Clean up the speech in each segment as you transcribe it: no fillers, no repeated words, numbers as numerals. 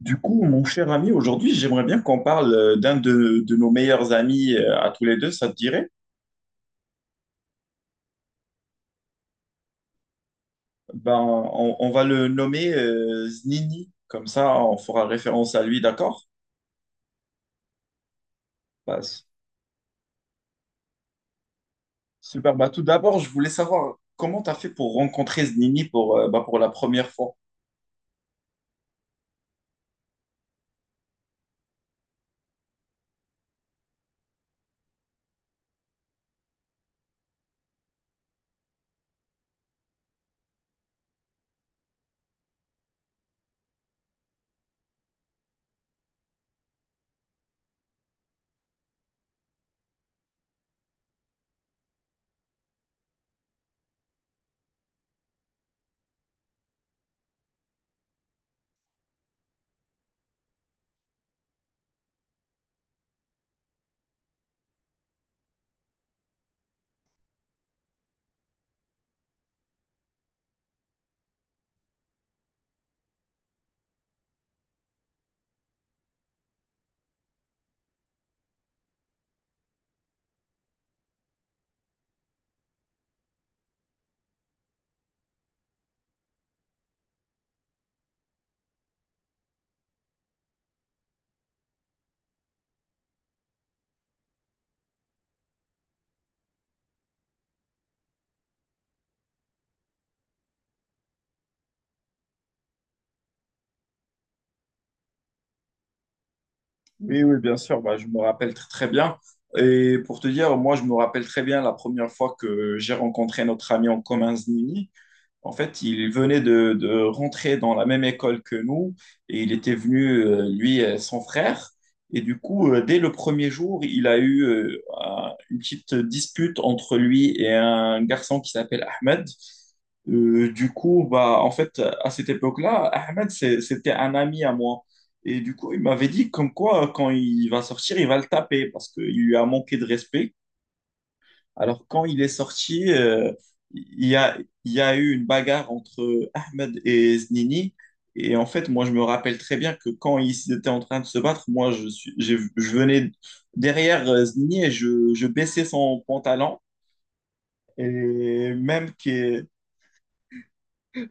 Du coup, mon cher ami, aujourd'hui, j'aimerais bien qu'on parle d'un de nos meilleurs amis à tous les deux, ça te dirait? Ben, on va le nommer Znini, comme ça on fera référence à lui, d'accord? Bah, s- super, bah, tout d'abord, je voulais savoir comment tu as fait pour rencontrer Znini pour, bah, pour la première fois. Oui, oui, bien sûr, bah, je me rappelle très bien. Et pour te dire, moi, je me rappelle très bien la première fois que j'ai rencontré notre ami en commun, Znini. En fait, il venait de rentrer dans la même école que nous et il était venu, lui, et son frère. Et du coup, dès le premier jour, il a eu une petite dispute entre lui et un garçon qui s'appelle Ahmed. Du coup, bah, en fait, à cette époque-là, Ahmed, c'était un ami à moi. Et du coup, il m'avait dit comme quoi, quand il va sortir, il va le taper parce qu'il lui a manqué de respect. Alors, quand il est sorti, il y a, il y a eu une bagarre entre Ahmed et Znini. Et en fait, moi, je me rappelle très bien que quand ils étaient en train de se battre, moi, je venais derrière Znini et je baissais son pantalon. Et même que...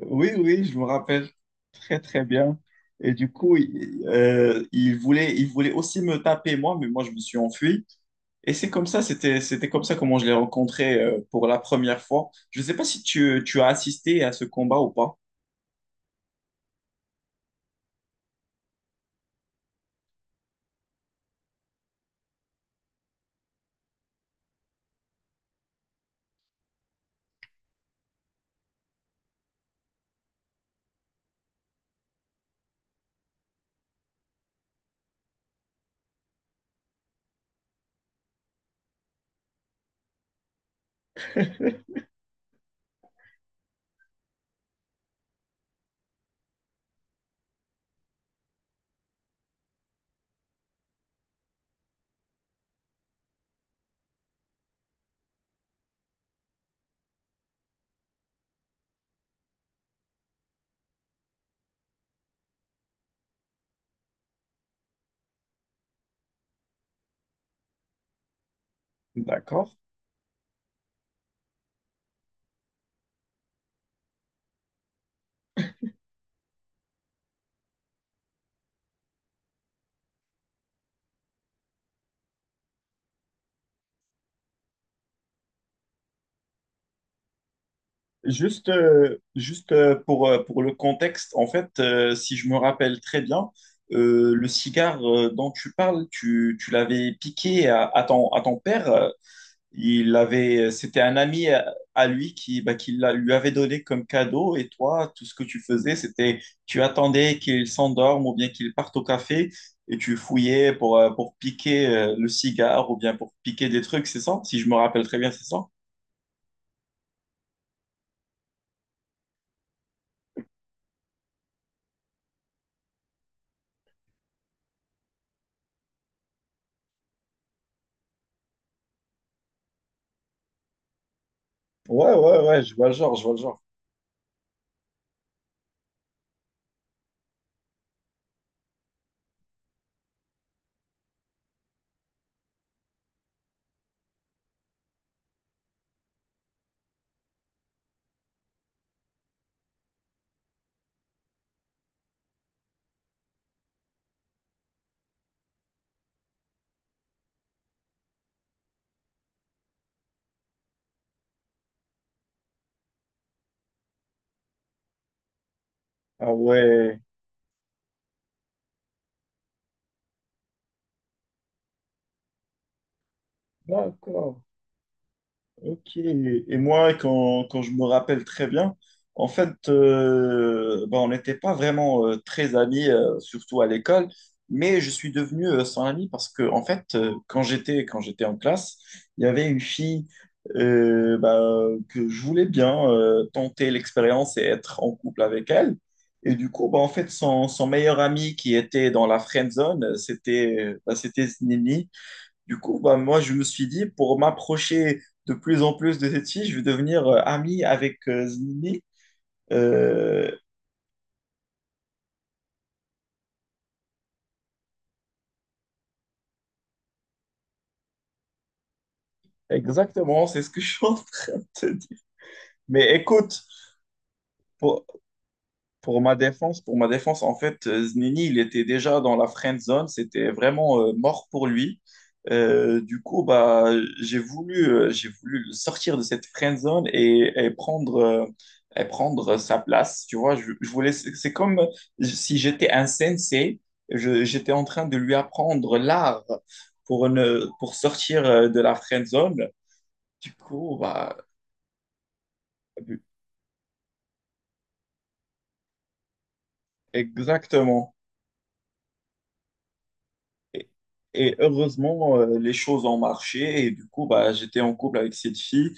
Oui, oui, je me rappelle très bien. Et du coup, il voulait aussi me taper, moi, mais moi, je me suis enfui. Et c'est comme ça, c'était comme ça comment je l'ai rencontré pour la première fois. Je ne sais pas si tu as assisté à ce combat ou pas. D'accord. Juste pour le contexte, en fait, si je me rappelle très bien, le cigare dont tu parles, tu l'avais piqué à ton père. Il avait, c'était un ami à lui qui, bah, lui avait donné comme cadeau. Et toi, tout ce que tu faisais, c'était tu attendais qu'il s'endorme ou bien qu'il parte au café et tu fouillais pour piquer le cigare ou bien pour piquer des trucs, c'est ça? Si je me rappelle très bien, c'est ça? Ouais, ouais, je vois le genre, je vois le genre. Ah ouais. D'accord. Ok. Et moi, quand je me rappelle très bien, en fait, ben, on n'était pas vraiment très amis, surtout à l'école, mais je suis devenu son ami parce que, en fait, quand quand j'étais en classe, il y avait une fille ben, que je voulais bien tenter l'expérience et être en couple avec elle. Et du coup, ben, en fait, son meilleur ami qui était dans la friend zone, c'était Znini. Du coup, bah, moi, je me suis dit, pour m'approcher de plus en plus de cette fille, je vais devenir ami avec Zini. Euh, exactement, c'est ce que je suis en train de te dire. Mais écoute, pour- pour ma défense, en fait, Znini, il était déjà dans la friend zone, c'était vraiment mort pour lui. Du coup, bah, j'ai voulu le sortir de cette friend zone et et prendre sa place. Tu vois, je voulais, c'est comme si j'étais un sensei, j'étais en train de lui apprendre l'art pour ne, pour sortir de la friend zone. Du coup, bah, exactement. Et heureusement, les choses ont marché et du coup, bah, j'étais en couple avec cette fille.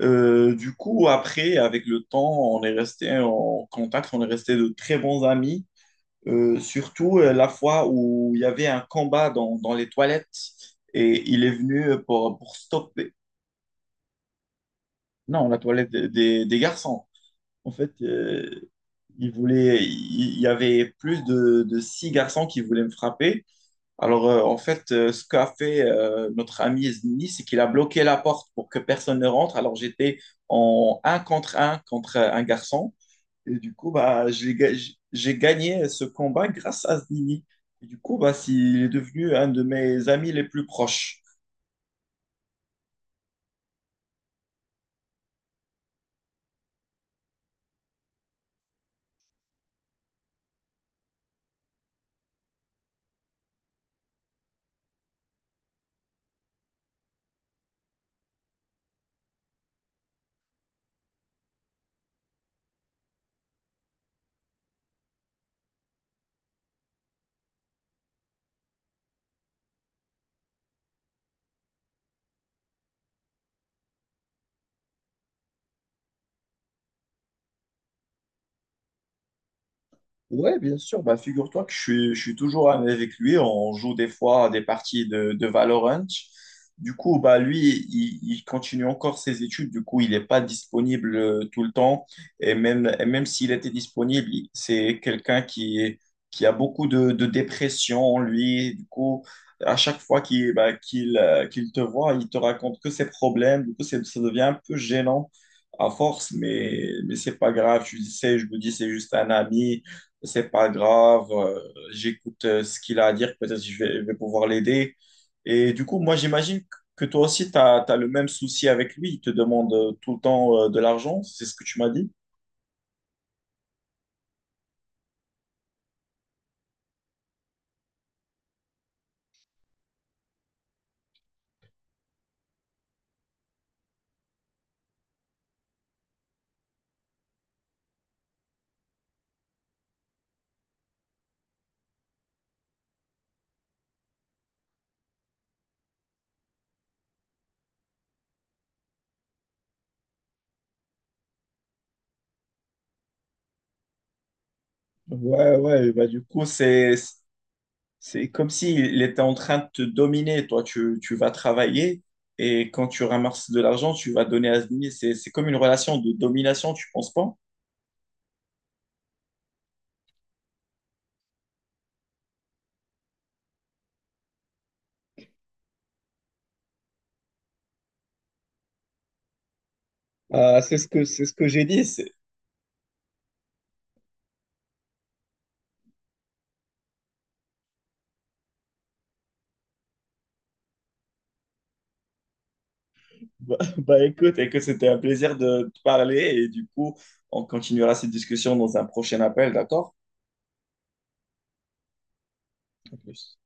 Du coup, après, avec le temps, on est resté en contact, on est resté de très bons amis. Surtout la fois où il y avait un combat dans les toilettes et il est venu pour stopper. Non, la toilette des, des garçons. En fait, il y avait plus de six garçons qui voulaient me frapper. Alors, en fait, ce qu'a fait notre ami Zini, c'est qu'il a bloqué la porte pour que personne ne rentre. Alors, j'étais en un contre un contre un garçon. Et du coup, bah, j'ai gagné ce combat grâce à Zini. Et du coup, bah, il est devenu un de mes amis les plus proches. Ouais, bien sûr. Bah, figure-toi que je suis toujours avec lui. On joue des fois des parties de Valorant. Du coup, bah, lui, il continue encore ses études. Du coup, il n'est pas disponible tout le temps. Et même s'il était disponible, c'est quelqu'un qui a beaucoup de dépression en lui. Du coup, à chaque fois qu'il te voit, il te raconte que ses problèmes. Du coup, ça devient un peu gênant à force, mais c'est pas grave. Je sais, je me dis, c'est juste un ami, c'est pas grave, j'écoute ce qu'il a à dire, peut-être je vais pouvoir l'aider. Et du coup, moi, j'imagine que toi aussi, tu as, le même souci avec lui, il te demande tout le temps de l'argent, c'est ce que tu m'as dit? Ouais, ouais, bah du coup, c'est comme s'il était en train de te dominer. Toi, tu vas travailler et quand tu ramasses de l'argent, tu vas donner à ce dîner. C'est comme une relation de domination, tu penses pas? Ah, c'est ce que j'ai dit. Bah, bah, écoute, écoute, c'était un plaisir de te parler et du coup, on continuera cette discussion dans un prochain appel, d'accord? À plus.